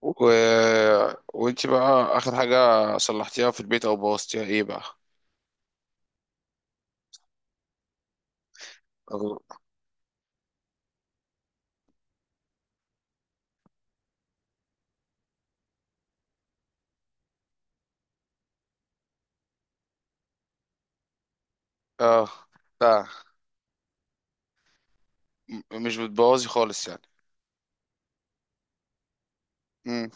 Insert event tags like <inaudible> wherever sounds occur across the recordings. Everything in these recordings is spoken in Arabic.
و... وانت بقى اخر حاجة صلحتيها في البيت او بوظتيها ايه بقى؟ أو- اه. لا، مش بتبوظي خالص يعني؟ امم.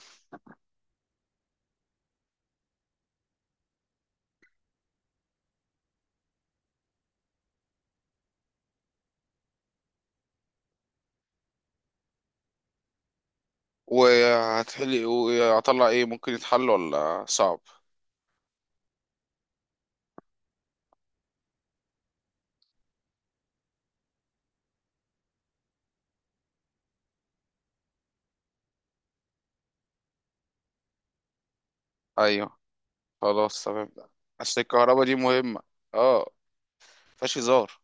وهتحلي، وهطلع ايه؟ ممكن يتحل ولا صعب؟ ايوه، خلاص تمام. اصل الكهرباء دي مهمة. اه، مفيهاش هزار.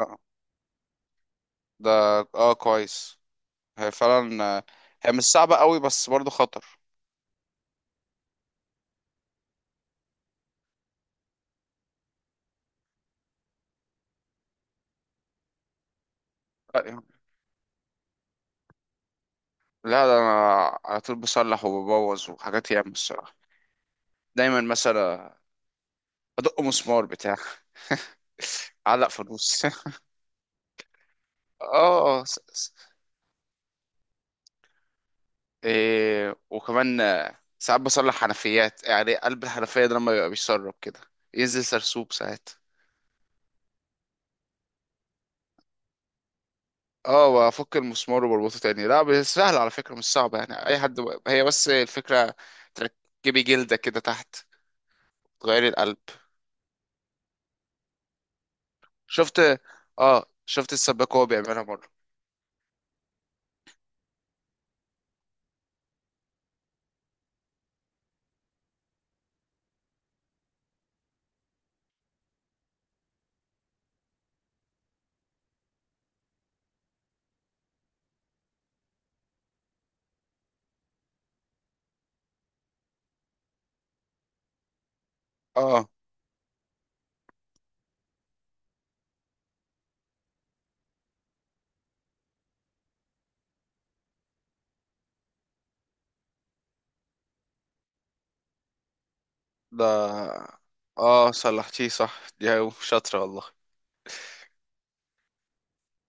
آه. ده، اه كويس. هي فعلا هي مش صعبة قوي، بس برضو خطر. أيوة. لا، ده انا على طول بصلح وببوظ، وحاجات ياما الصراحة. دايما مثلا ادق مسمار بتاع <laughs> علق فانوس <laughs> اه اه إيه. وكمان ساعات بصلح حنفيات، يعني قلب الحنفية ده لما بيبقى بيسرب كده، ينزل سرسوب ساعات. اه، بفك المسمار وبربطه تاني. لا بس سهل على فكرة، مش صعبة يعني اي حد هي بس الفكرة تركبي جلدة كده تحت، تغيري القلب. شفت، اه شفت السباك وهو بيعملها مرة. اه. ده، اه صلحتيه صح، دي شاطرة والله.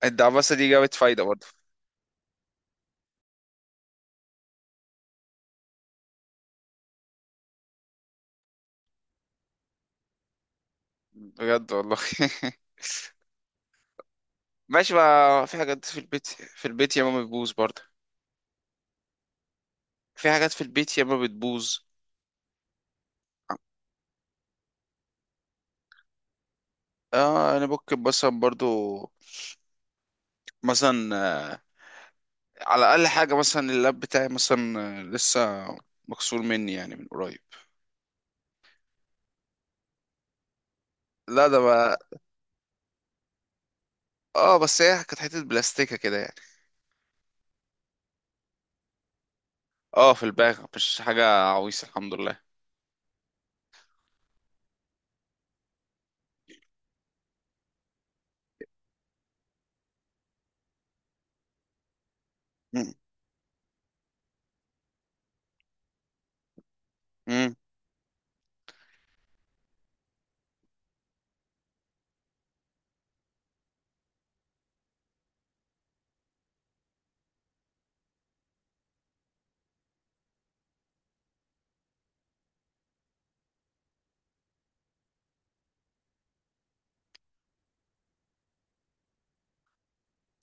الدعبسة دي جابت فايدة برضه. بجد والله <laughs> ماشي بقى. في حاجات في البيت ياما بتبوظ برضه. في حاجات في البيت ياما بتبوظ. اه، انا ممكن مثلا برضه، مثلا على اقل حاجة مثلا اللاب بتاعي مثلا لسه مكسور مني يعني من قريب. لا ده بقى، اه بس هي كانت حتة بلاستيكة كده يعني. اه، في الباغ، مش حاجة عويصة الحمد لله. مم. مم.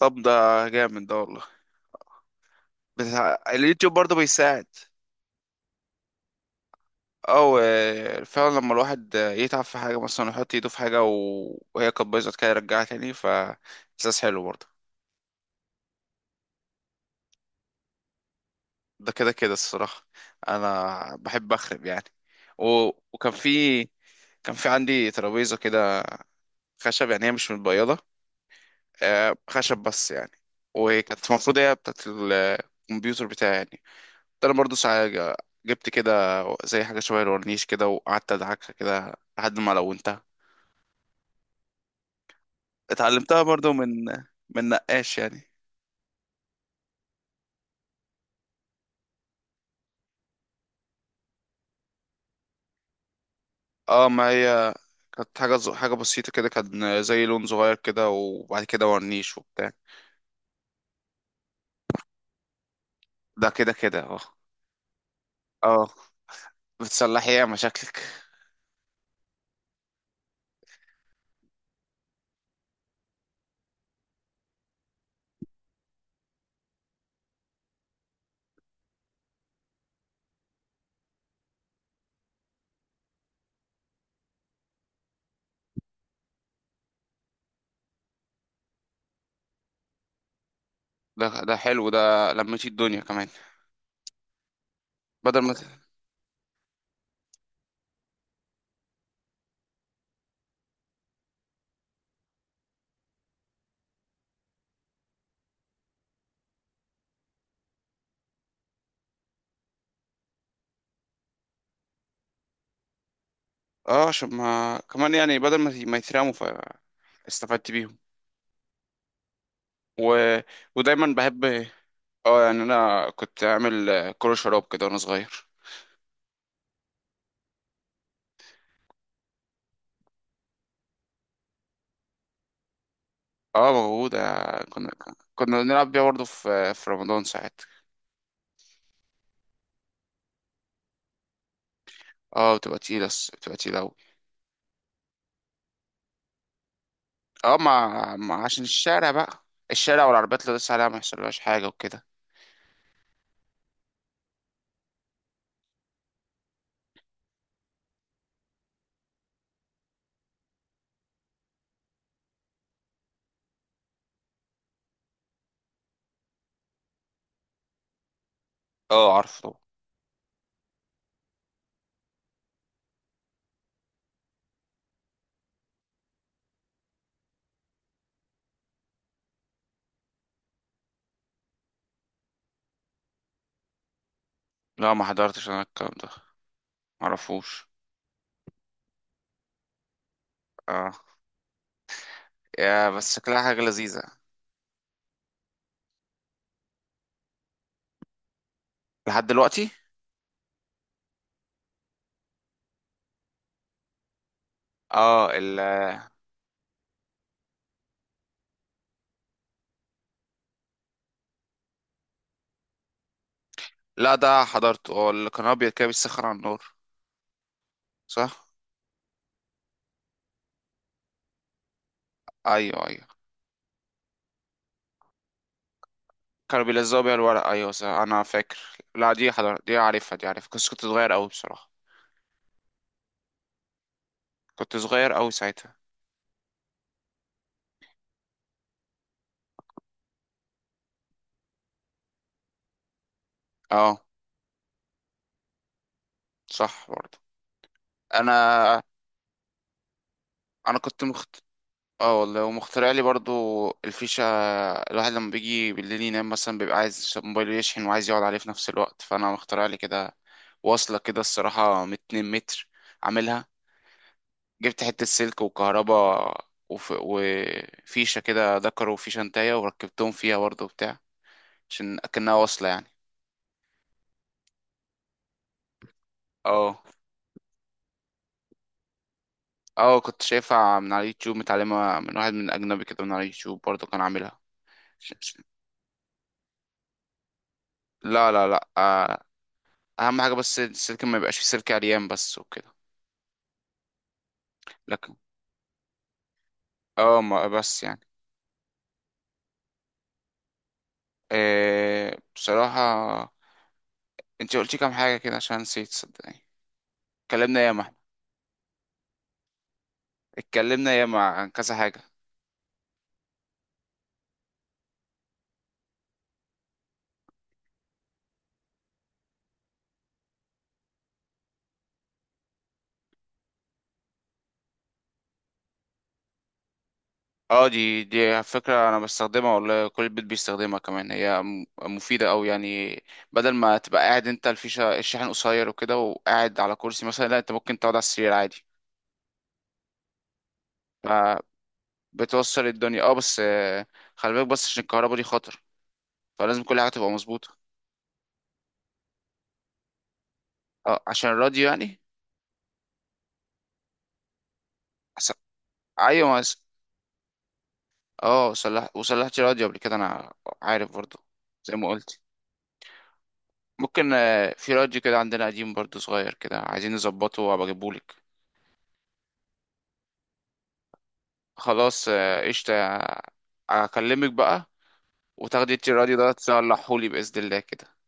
طب ده جامد ده والله. بس اليوتيوب برضه بيساعد، او فعلا لما الواحد يتعب في حاجه مثلا، يحط ايده في حاجه وهي كانت بايظه كده يرجعها تاني ف احساس حلو برضه. ده كده كده الصراحه، انا بحب اخرب يعني. و... وكان في، كان في عندي ترابيزه كده، خشب يعني، هي مش متبيضه خشب بس يعني. وكانت المفروض هي بتاعت الكمبيوتر بتاعي يعني. ده انا برضه ساعه جبت كده زي حاجه شبه الورنيش كده، وقعدت ادعكها كده لحد ما لونتها. اتعلمتها برضو من نقاش يعني. اه، ما هي كانت حاجة حاجة بسيطة كده، كان زي لون صغير كده، وبعد كده ورنيش وبتاع. ده كده كده اه. اه، بتصلحي ايه يا مشاكلك؟ ده حلو ده، لميتي الدنيا كمان. بدل ما ت- اه، عشان ما كمان يعني بدل ما ما يترموا، فاستفدت بيهم. و... ودايما بحب. اه يعني انا كنت اعمل كرة شراب كده وانا صغير. اه، موجودة. كنا كنا بنلعب بيها برضه في رمضان ساعات. اه، بتبقى تقيلة أوي. اه، مع... مع عشان الشارع بقى، الشارع والعربيات اللي لسه عليها ما يحصلهاش حاجة وكده. اه عارفه طبعا. لا ما حضرتش انا الكلام ده، معرفوش. اه، يا بس شكلها حاجة لذيذة. لحد دلوقتي. اه. لا ده حضرته، اه اللي كان ابيض كده بيسخن على النار. صح. ايوه ايوه، كانوا بيلزقوا بيها الورق. ايوه صح انا فاكر. لا، دي عارفها دي عارفها بس كنت صغير قوي بصراحة. كنت صغير قوي ساعتها. اه صح برضه. انا انا كنت اه والله، ومخترع لي برضو الفيشة. الواحد لما بيجي بالليل ينام مثلا بيبقى عايز موبايله يشحن، وعايز يقعد عليه في نفس الوقت، فانا مخترع لي كده واصلة كده الصراحة من 2 متر، عاملها جبت حتة سلك وكهرباء، وفيشة كده ذكر وفيشة انتايه وركبتهم فيها برضو بتاع، عشان أكنها واصلة يعني. اه. اه كنت شايفها من على اليوتيوب، متعلمة من واحد من أجنبي كده، من على اليوتيوب برضو كان عاملها. لا لا لا اهم حاجه بس السلك ما يبقاش فيه سلك عريان بس وكده. لكن اه، ما بس يعني إيه بصراحه، انت قلتي كام حاجه كده عشان نسيت صدقني. اتكلمنا ياما احنا، اتكلمنا ياما عن كذا حاجه. اه، دي فكره انا بستخدمها والله، كل البيت بيستخدمها كمان. هي مفيده أوي يعني. بدل ما تبقى قاعد انت، الفيشه الشاحن قصير وكده وقاعد على كرسي مثلا، لا انت ممكن تقعد على السرير عادي، فبتوصل الدنيا. اه بس خلي بالك بس عشان الكهرباء دي خطر، فلازم كل حاجه تبقى مظبوطه. اه عشان راديو يعني. أس- ايوه ما اه، صلح وصلحت راديو قبل كده انا، عارف برضو زي ما قلت. ممكن في راديو كده عندنا قديم برضو، صغير كده، عايزين نظبطه، وابقى اجيبهولك. خلاص قشطة، اكلمك بقى، وتاخدي انت الراديو ده تصلحهولي بإذن الله كده.